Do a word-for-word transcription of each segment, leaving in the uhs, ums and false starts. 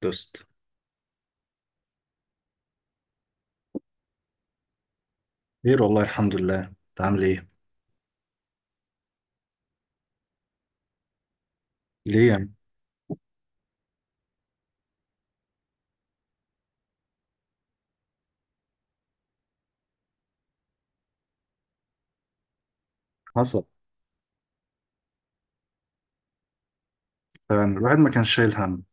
دوست. خير والله، الحمد لله. انت عامل ايه؟ ليه يعني؟ حصل. فعلا الواحد ما كانش شايل هم.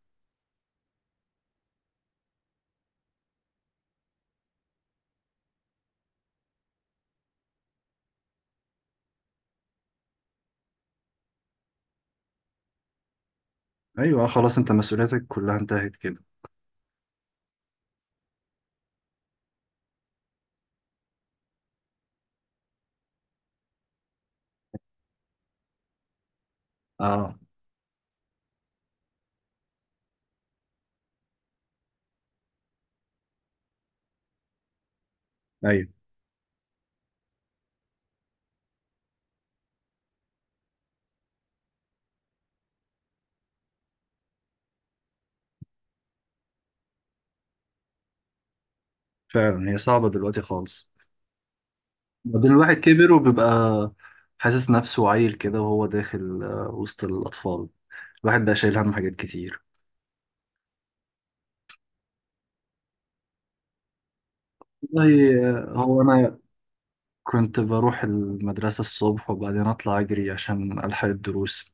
ايوه، آه، خلاص انت مسؤولياتك كلها انتهت كده. اه، ايوه. فعلا هي صعبه دلوقتي خالص. بعدين الواحد كبر وبيبقى حاسس نفسه عيل كده وهو داخل آه، وسط الاطفال. الواحد بقى شايل هم حاجات كتير. والله. آه، هو انا كنت بروح المدرسه الصبح وبعدين اطلع اجري عشان الحق الدروس.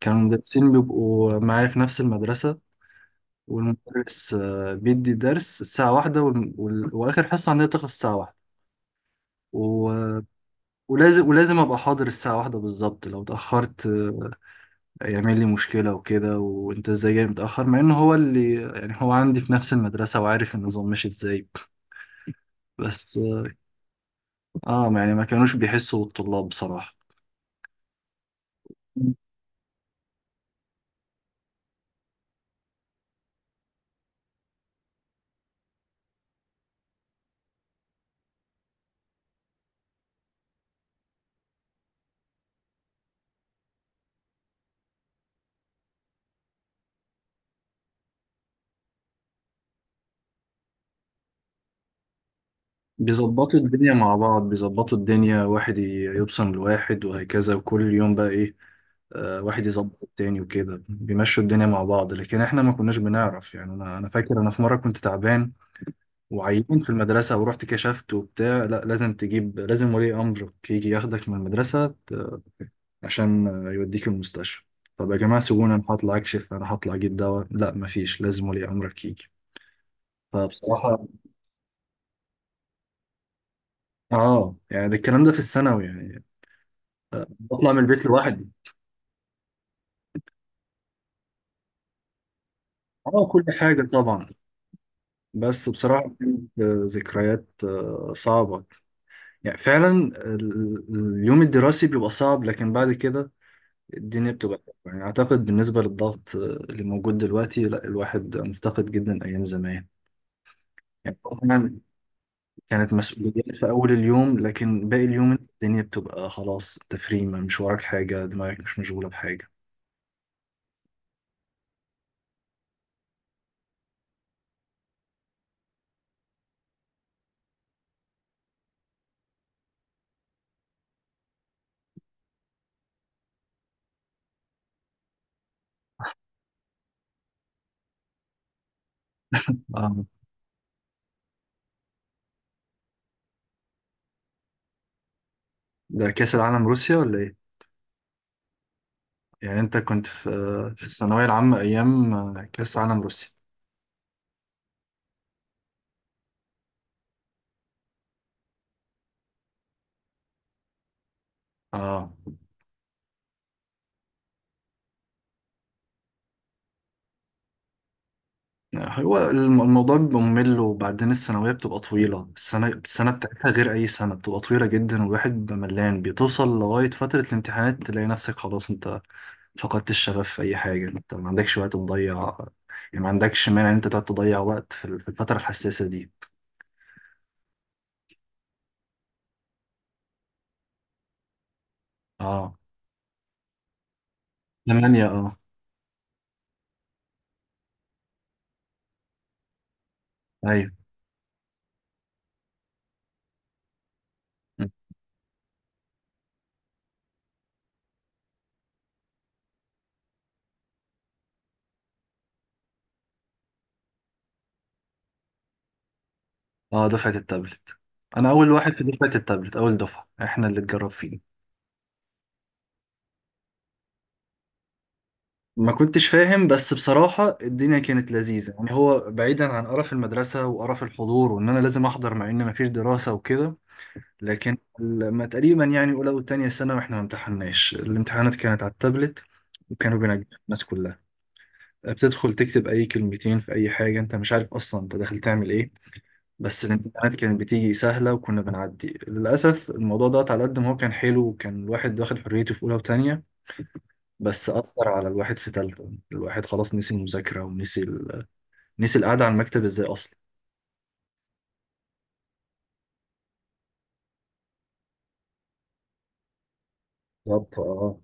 كانوا المدرسين بيبقوا معايا في نفس المدرسة. والمدرس آه، بيدي درس الساعة واحدة وال- وال- وآخر حصة عندنا بتخلص الساعة واحدة. و- ولازم ولازم أبقى حاضر الساعة واحدة بالظبط. لو اتأخرت آه، يعمل لي مشكلة وكده، وأنت إزاي جاي متأخر، مع إن هو اللي يعني هو عندي في نفس المدرسة وعارف النظام ماشي إزاي. بس آه آه، يعني ما كانوش بيحسوا بالطلاب بصراحة. بيظبطوا الدنيا مع بعض، بيظبطوا الدنيا، واحد ي- يبصم لواحد وهكذا، وكل يوم بقى ايه، آه، واحد يظبط التاني وكده بيمشوا الدنيا مع بعض، لكن احنا ما كناش بنعرف. يعني انا انا فاكر انا في مره كنت تعبان وعيان في المدرسه ورحت كشفت وبتاع. لا، لازم تجيب، لازم ولي امرك يجي ياخدك من المدرسه ت- عشان آه، يوديك المستشفى. طب يا جماعه سيبوني، انا هطلع اكشف، انا هطلع اجيب دواء، لا مفيش، لازم ولي امرك يجي. فبصراحه، اه، يعني ده الكلام ده في الثانوي يعني. بطلع من البيت لوحدي. اه، كل حاجة طبعا. بس بصراحة كانت آه، ذكريات آه، صعبة. يعني فعلا. ال- اليوم الدراسي بيبقى صعب لكن بعد كده الدنيا بتبقى حلوة. يعني أعتقد بالنسبة للضغط آه، اللي موجود دلوقتي، لا الواحد مفتقد جدا أيام زمان. يعني طبعا كانت مسؤوليات في أول اليوم لكن باقي اليوم الدنيا بتبقى خلاص تفريمة، مش وراك حاجة، دماغك مش مشغولة بحاجة. آه. ده كأس العالم روسيا ولا إيه؟ يعني انت كنت في في الثانوية العامة ايام كأس عالم روسيا. اه. هو الم- الموضوع بيبقى ممل، وبعدين الثانوية بتبقى طويلة، السنة، السنة بتاعتها غير أي سنة، بتبقى طويلة جدا والواحد بيبقى ملان، بتوصل لغاية فترة الامتحانات تلاقي نفسك خلاص انت فقدت الشغف في أي حاجة، انت ما عندكش وقت تضيع، يعني ما عندكش مانع ان انت تقعد تضيع وقت في ال- في الفترة الحساسة دي. اه، ثمانية، اه. ايوه. اه، دفعة التابلت. انا اول واحد في دفعة التابلت، اول دفعة احنا اللي اتجرب فيه. ما كنتش فاهم، بس بصراحة الدنيا كانت لذيذة. يعني هو بعيدا عن قرف المدرسة وقرف الحضور وإن أنا لازم أحضر مع إن مفيش دراسة وكده، لكن لما تقريبا، يعني أولى وتانية سنة، وإحنا ما امتحناش، الامتحانات كانت على التابلت وكانوا بينجحوا الناس كلها. بتدخل تكتب أي كلمتين في أي حاجة، أنت مش عارف أصلا أنت داخل تعمل إيه. بس الامتحانات كانت بتيجي سهلة وكنا بنعدي. للأسف الموضوع ده، على قد ما هو كان حلو وكان الواحد واخد حريته في أولى وتانية، بس أثر على الواحد في تالتة، الواحد خلاص نسي المذاكرة ونسي ال... نسي القعدة على المكتب ازاي أصلا. بالظبط اه.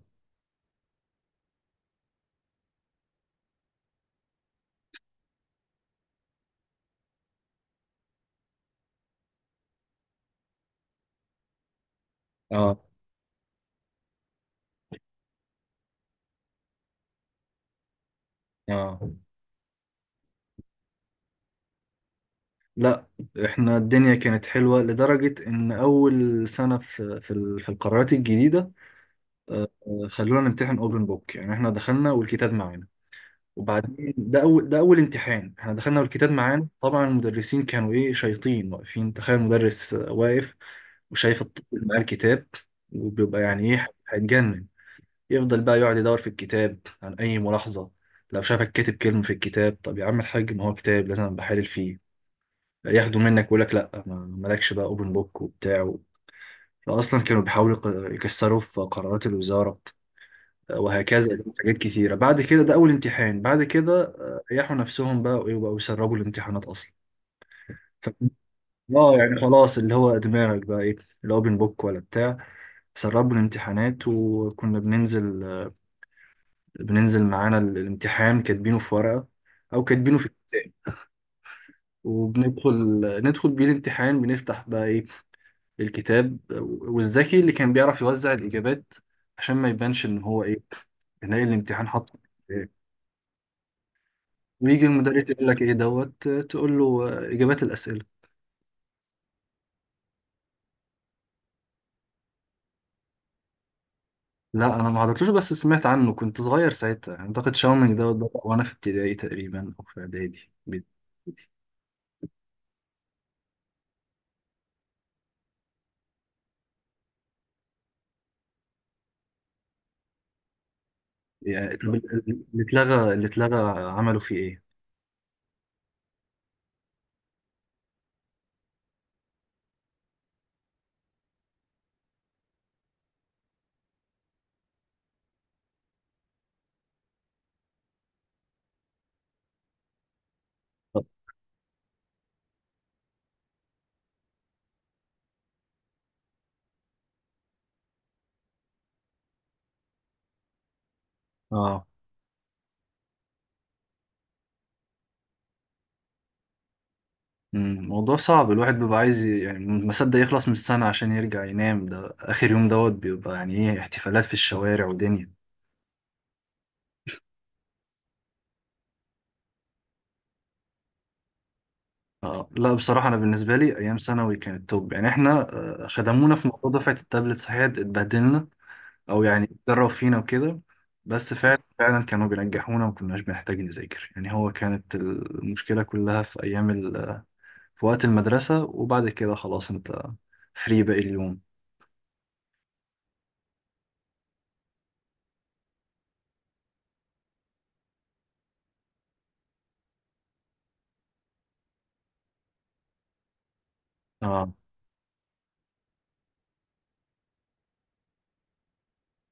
اه، اه. لا، احنا الدنيا كانت حلوة لدرجة ان اول سنة في في ال- في القرارات الجديدة، آه، خلونا نمتحن اوبن بوك، يعني احنا دخلنا والكتاب معانا. وبعدين ده اول ده اول امتحان احنا دخلنا والكتاب معانا. طبعا المدرسين كانوا ايه، شياطين واقفين. تخيل مدرس آه، واقف وشايف الطفل معاه الكتاب، وبيبقى يعني ايه، هيتجنن. يفضل بقى يقعد يدور في الكتاب عن أي ملاحظة، لو شافك كاتب كلمة في الكتاب. طب يا عم الحاج، ما هو كتاب، لازم بحلل فيه. ياخده منك ويقول لك لا، ما- مالكش بقى اوبن بوك وبتاع. فأصلا كانوا بيحاولوا يق- يكسروا في قرارات الوزارة وهكذا حاجات كتيرة. بعد كده ده أول امتحان، بعد كده آه، ريحوا نفسهم بقى ويبقوا يسربوا الامتحانات أصلا. ف... اه، يعني خلاص، اللي هو دماغك بقى ايه، الاوبن بوك ولا بتاع. سربوا الامتحانات وكنا بننزل بننزل معانا ال- الامتحان كاتبينه في ورقة أو كاتبينه في كتاب، وبندخل ندخل بيه الامتحان، بنفتح بقى إيه، الكتاب. والذكي اللي كان بيعرف يوزع الإجابات عشان ما يبانش إن هو إيه، نلاقي الامتحان حاطه إيه. ويجي المدرس يقول لك إيه دوت، تقول له آه، إجابات الأسئلة. لا أنا ما حضرتوش، بس سمعت عنه، كنت صغير ساعتها. أعتقد شاومينج دوت بدأ وأنا في ابتدائي تقريبا أو في إعدادي بت- يعني طب ال- ال- اللي اتلغى، اللي اتلغى عملوا فيه إيه؟ طب آه. مم، موضوع صعب. الواحد بيبقى عايز ي- يعني ما صدق يخلص من السنة عشان يرجع ينام. ده آخر يوم دوت بيبقى يعني إيه، احتفالات في الشوارع ودنيا. آه، لا بصراحة أنا بالنسبة لي أيام ثانوي كانت توب. يعني إحنا، آه خدمونا في موضوع دفعة التابلت، صحيح اتبهدلنا أو يعني اتدرب فينا وكده، بس فعلا فعلا كانوا بينجحونا وما كناش بنحتاج نذاكر. يعني هو كانت المشكلة كلها في أيام ال... في وقت المدرسة وبعد كده خلاص أنت فري باقي اليوم. آه.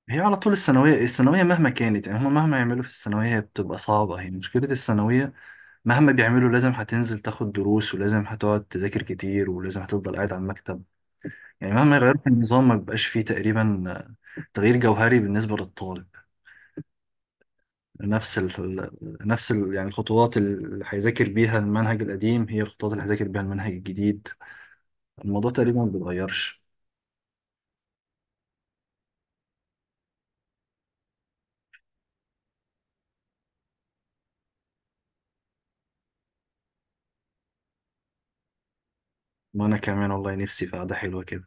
هي على طول الثانوية، الثانوية مهما كانت، يعني هما مهما يعملوا في الثانوية هي بتبقى صعبة، هي مشكلة الثانوية، مهما بيعملوا لازم هتنزل تاخد دروس ولازم هتقعد تذاكر كتير ولازم هتفضل قاعد على المكتب. يعني مهما يغيروا في النظام ما بيبقاش فيه تقريبا تغيير جوهري بالنسبة للطالب. نفس ال... نفس ال... يعني الخطوات اللي هيذاكر بيها المنهج القديم هي الخطوات اللي هيذاكر بيها المنهج الجديد. الموضوع تقريبا ما بيتغيرش. وأنا كمان والله نفسي في قعدة حلوة كده.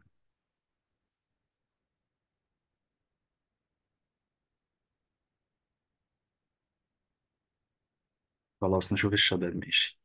خلاص نشوف الشباب ماشي.